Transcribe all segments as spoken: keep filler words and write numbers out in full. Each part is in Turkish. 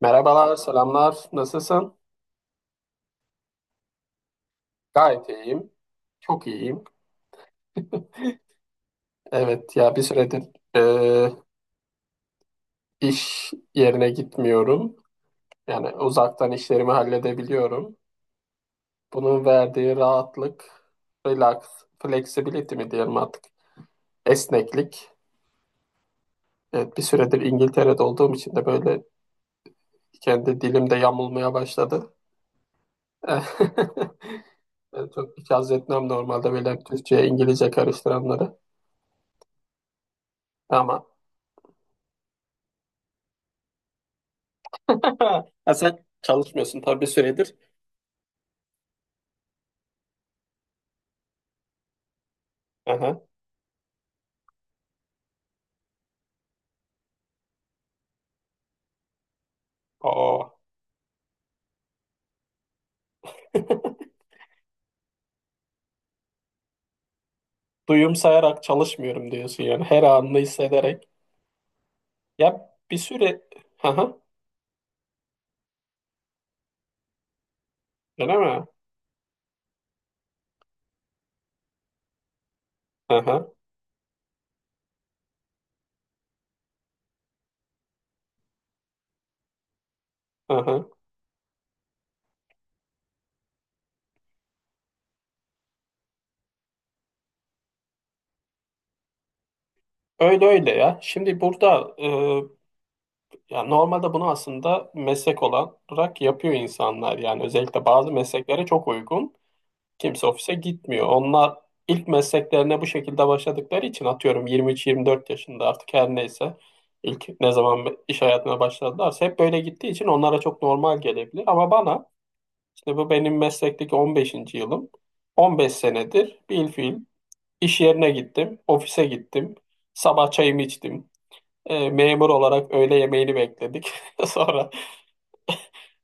Merhabalar, selamlar. Nasılsın? Gayet iyiyim. Çok iyiyim. Evet ya bir süredir e, iş yerine gitmiyorum. Yani uzaktan işlerimi halledebiliyorum. Bunun verdiği rahatlık, relax, flexibility mi diyelim artık, esneklik. Evet bir süredir İngiltere'de olduğum için de böyle kendi dilimde yamulmaya başladı. Ben çok hiç haz etmem normalde böyle Türkçe'ye İngilizce karıştıranları. Ama ha, sen çalışmıyorsun tabii bir süredir. Aha. Aa. Duyum sayarak çalışmıyorum diyorsun yani. Her anını hissederek. Ya bir süre... Aha. Öyle mi? Aha. Aha. Öyle öyle ya. Şimdi burada e, ya normalde bunu aslında meslek olarak yapıyor insanlar. Yani özellikle bazı mesleklere çok uygun. Kimse ofise gitmiyor. Onlar ilk mesleklerine bu şekilde başladıkları için atıyorum yirmi üç, yirmi dört yaşında artık her neyse ilk ne zaman iş hayatına başladılarsa hep böyle gittiği için onlara çok normal gelebilir. Ama bana işte bu benim meslekteki on beşinci yılım, on beş senedir bilfiil iş yerine gittim, ofise gittim, sabah çayımı içtim. E, memur olarak öğle yemeğini bekledik. Sonra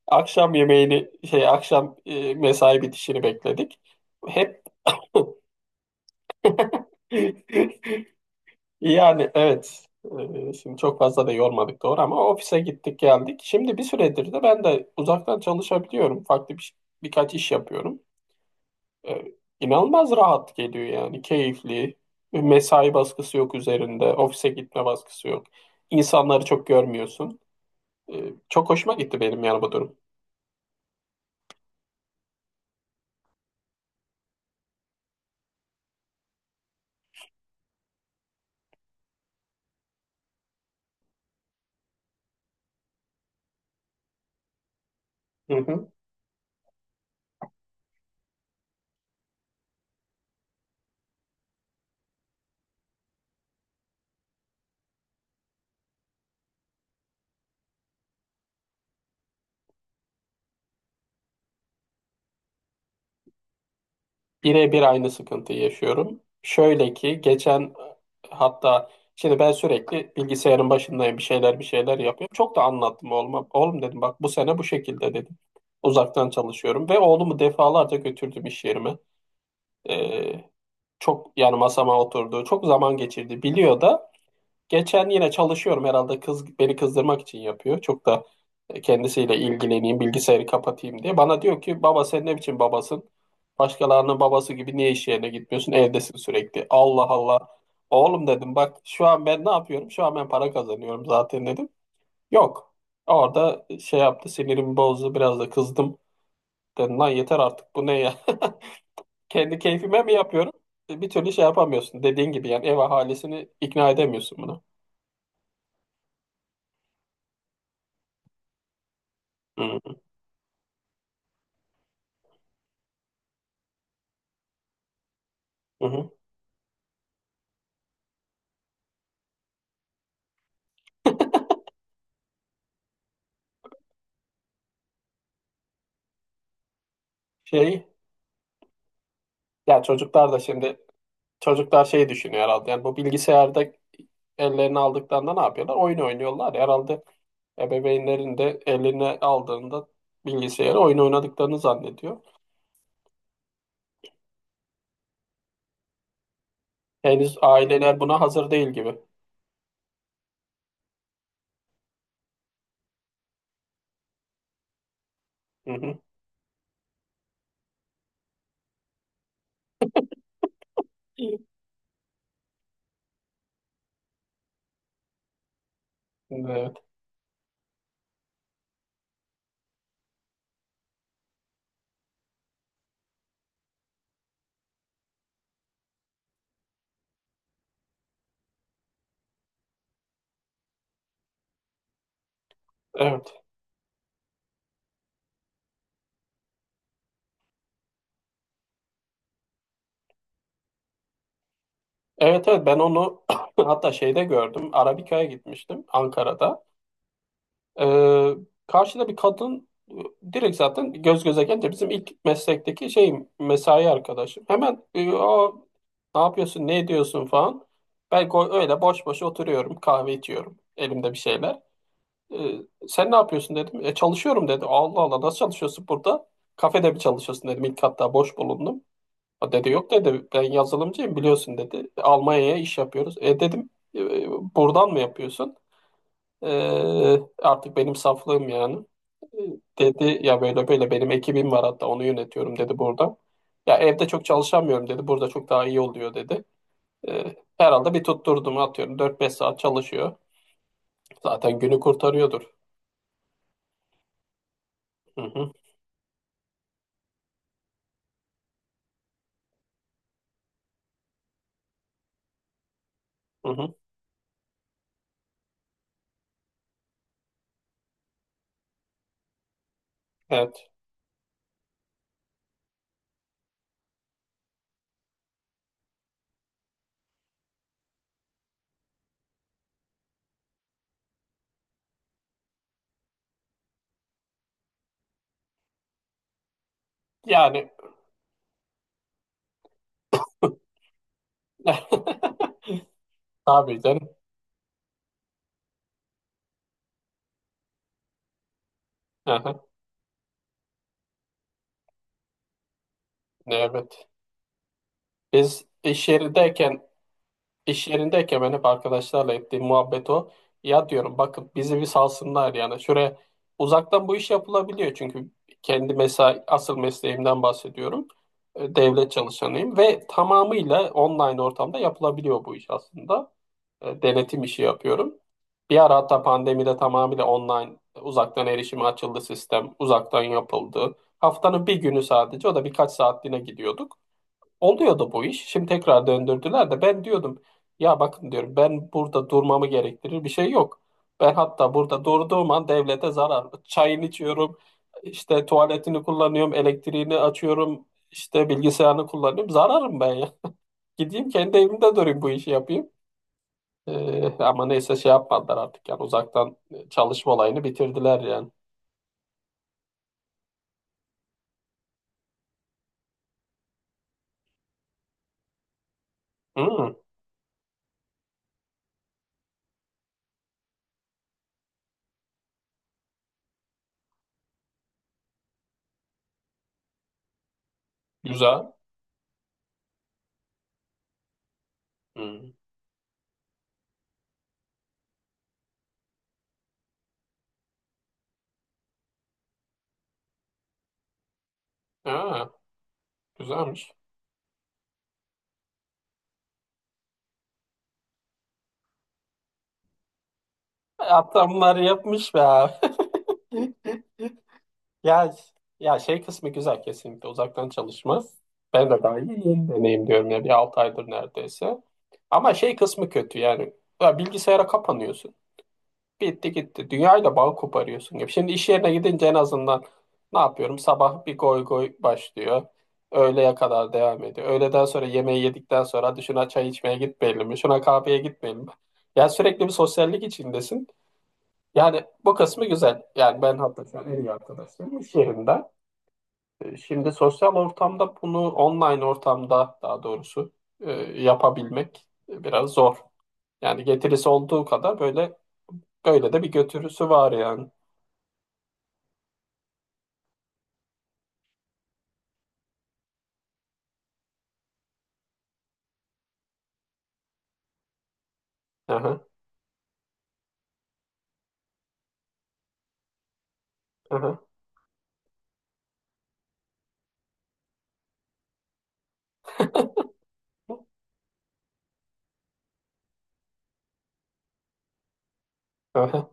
akşam yemeğini şey akşam e, mesai bitişini bekledik. Hep... Yani evet. Ee, Şimdi çok fazla da yormadık doğru ama ofise gittik geldik. Şimdi bir süredir de ben de uzaktan çalışabiliyorum. Farklı bir, birkaç iş yapıyorum. Ee, inanılmaz rahat geliyor yani. Keyifli. Mesai baskısı yok üzerinde. Ofise gitme baskısı yok. İnsanları çok görmüyorsun. E, çok hoşuma gitti benim yani bu durum. Hı hı. Birebir aynı sıkıntıyı yaşıyorum. Şöyle ki geçen e, hatta şimdi ben sürekli bilgisayarın başındayım bir şeyler bir şeyler yapıyorum. Çok da anlattım oğluma. Oğlum dedim bak bu sene bu şekilde dedim. Uzaktan çalışıyorum ve oğlumu defalarca götürdüm iş yerime. Ee, Çok yani masama oturdu. Çok zaman geçirdi. Biliyor da. Geçen yine çalışıyorum herhalde, kız beni kızdırmak için yapıyor. Çok da e, kendisiyle ilgileneyim, bilgisayarı kapatayım diye. Bana diyor ki baba sen ne biçim babasın? Başkalarının babası gibi niye iş yerine gitmiyorsun? Evdesin sürekli. Allah Allah. Oğlum dedim bak şu an ben ne yapıyorum? Şu an ben para kazanıyorum zaten dedim. Yok. Orada şey yaptı, sinirimi bozdu biraz da kızdım. Dedim lan yeter artık bu ne ya? Kendi keyfime mi yapıyorum? E, Bir türlü şey yapamıyorsun. Dediğin gibi yani ev ahalisini ikna edemiyorsun buna. Hı hı. Şey Ya çocuklar da şimdi çocuklar şey düşünüyor herhalde. Yani bu bilgisayarda ellerini aldıklarında ne yapıyorlar? Oyun oynuyorlar. Herhalde ebeveynlerin de eline aldığında bilgisayarı oyun oynadıklarını zannediyor. Henüz aileler buna hazır değil gibi. Hı hı. Evet, evet. Evet, evet. Ben onu hatta şeyde gördüm. Arabika'ya gitmiştim Ankara'da. Ee, Karşıda bir kadın e, direkt zaten göz göze gelince bizim ilk meslekteki şeyim mesai arkadaşım. Hemen e, "Aa, ne yapıyorsun ne ediyorsun falan. Ben go- öyle boş boş oturuyorum, kahve içiyorum, elimde bir şeyler. Ee, Sen ne yapıyorsun dedim. E, çalışıyorum dedi. Allah Allah nasıl çalışıyorsun burada? Kafede mi çalışıyorsun dedim. İlk hatta boş bulundum. O dedi yok dedi ben yazılımcıyım biliyorsun dedi. Almanya'ya iş yapıyoruz. E dedim "E, buradan mı yapıyorsun? Ee, Artık benim saflığım yani. Ee, Dedi ya böyle böyle benim ekibim var, hatta onu yönetiyorum dedi burada. Ya evde çok çalışamıyorum dedi. Burada çok daha iyi oluyor dedi. Ee, herhalde bir tutturdum, atıyorum dört beş saat çalışıyor. Zaten günü kurtarıyordur. Hı hı, hı hı. Evet. Yani tabii canım. Aha, evet. Biz iş yerindeyken İş yerindeyken ben hep arkadaşlarla ettiğim muhabbet o. Ya diyorum bakın bizi bir salsınlar yani. Şuraya uzaktan bu iş yapılabiliyor çünkü kendi mesai, asıl mesleğimden bahsediyorum. E, Devlet çalışanıyım ve tamamıyla online ortamda yapılabiliyor bu iş aslında. E, Denetim işi yapıyorum. Bir ara hatta pandemide tamamıyla online e, uzaktan erişime açıldı sistem. Uzaktan yapıldı. Haftanın bir günü sadece, o da birkaç saatliğine gidiyorduk. Oluyordu bu iş. Şimdi tekrar döndürdüler de ben diyordum ya bakın diyorum ben burada durmamı gerektirir bir şey yok. Ben hatta burada durduğum an devlete zarar. Çayını içiyorum, işte tuvaletini kullanıyorum, elektriğini açıyorum, işte bilgisayarını kullanıyorum. Zararım ben ya. Gideyim kendi evimde durayım bu işi yapayım. Ee, ama neyse şey yapmadılar artık yani uzaktan e, çalışma olayını bitirdiler yani. Hmm, güzel. Hmm. Ha, güzelmiş. Hatta bunları yapmış be abi. Ya, ya şey kısmı güzel kesinlikle uzaktan çalışma. Ben de daha yeni yeni deneyim diyorum ya, bir altı aydır neredeyse. Ama şey kısmı kötü yani. Ya bilgisayara kapanıyorsun. Bitti gitti. Dünyayla bağ koparıyorsun gibi. Şimdi iş yerine gidince en azından ne yapıyorum? Sabah bir goy goy başlıyor. Öğleye kadar devam ediyor. Öğleden sonra yemeği yedikten sonra hadi şuna çay içmeye gitmeyelim mi? Şuna kahveye gitmeyelim mi? Ya sürekli bir sosyallik içindesin. Yani bu kısmı güzel. Yani ben hatta şu an en iyi arkadaşlarım iş yerinde. E, Şimdi sosyal ortamda bunu, online ortamda daha doğrusu e, yapabilmek biraz zor. Yani getirisi olduğu kadar böyle böyle de bir götürüsü var yani. Aha, aha, aha.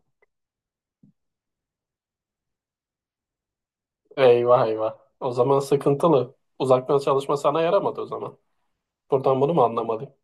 Eyvah eyvah. O zaman sıkıntılı. Uzaktan çalışma sana yaramadı o zaman. Buradan bunu mu anlamalıyım?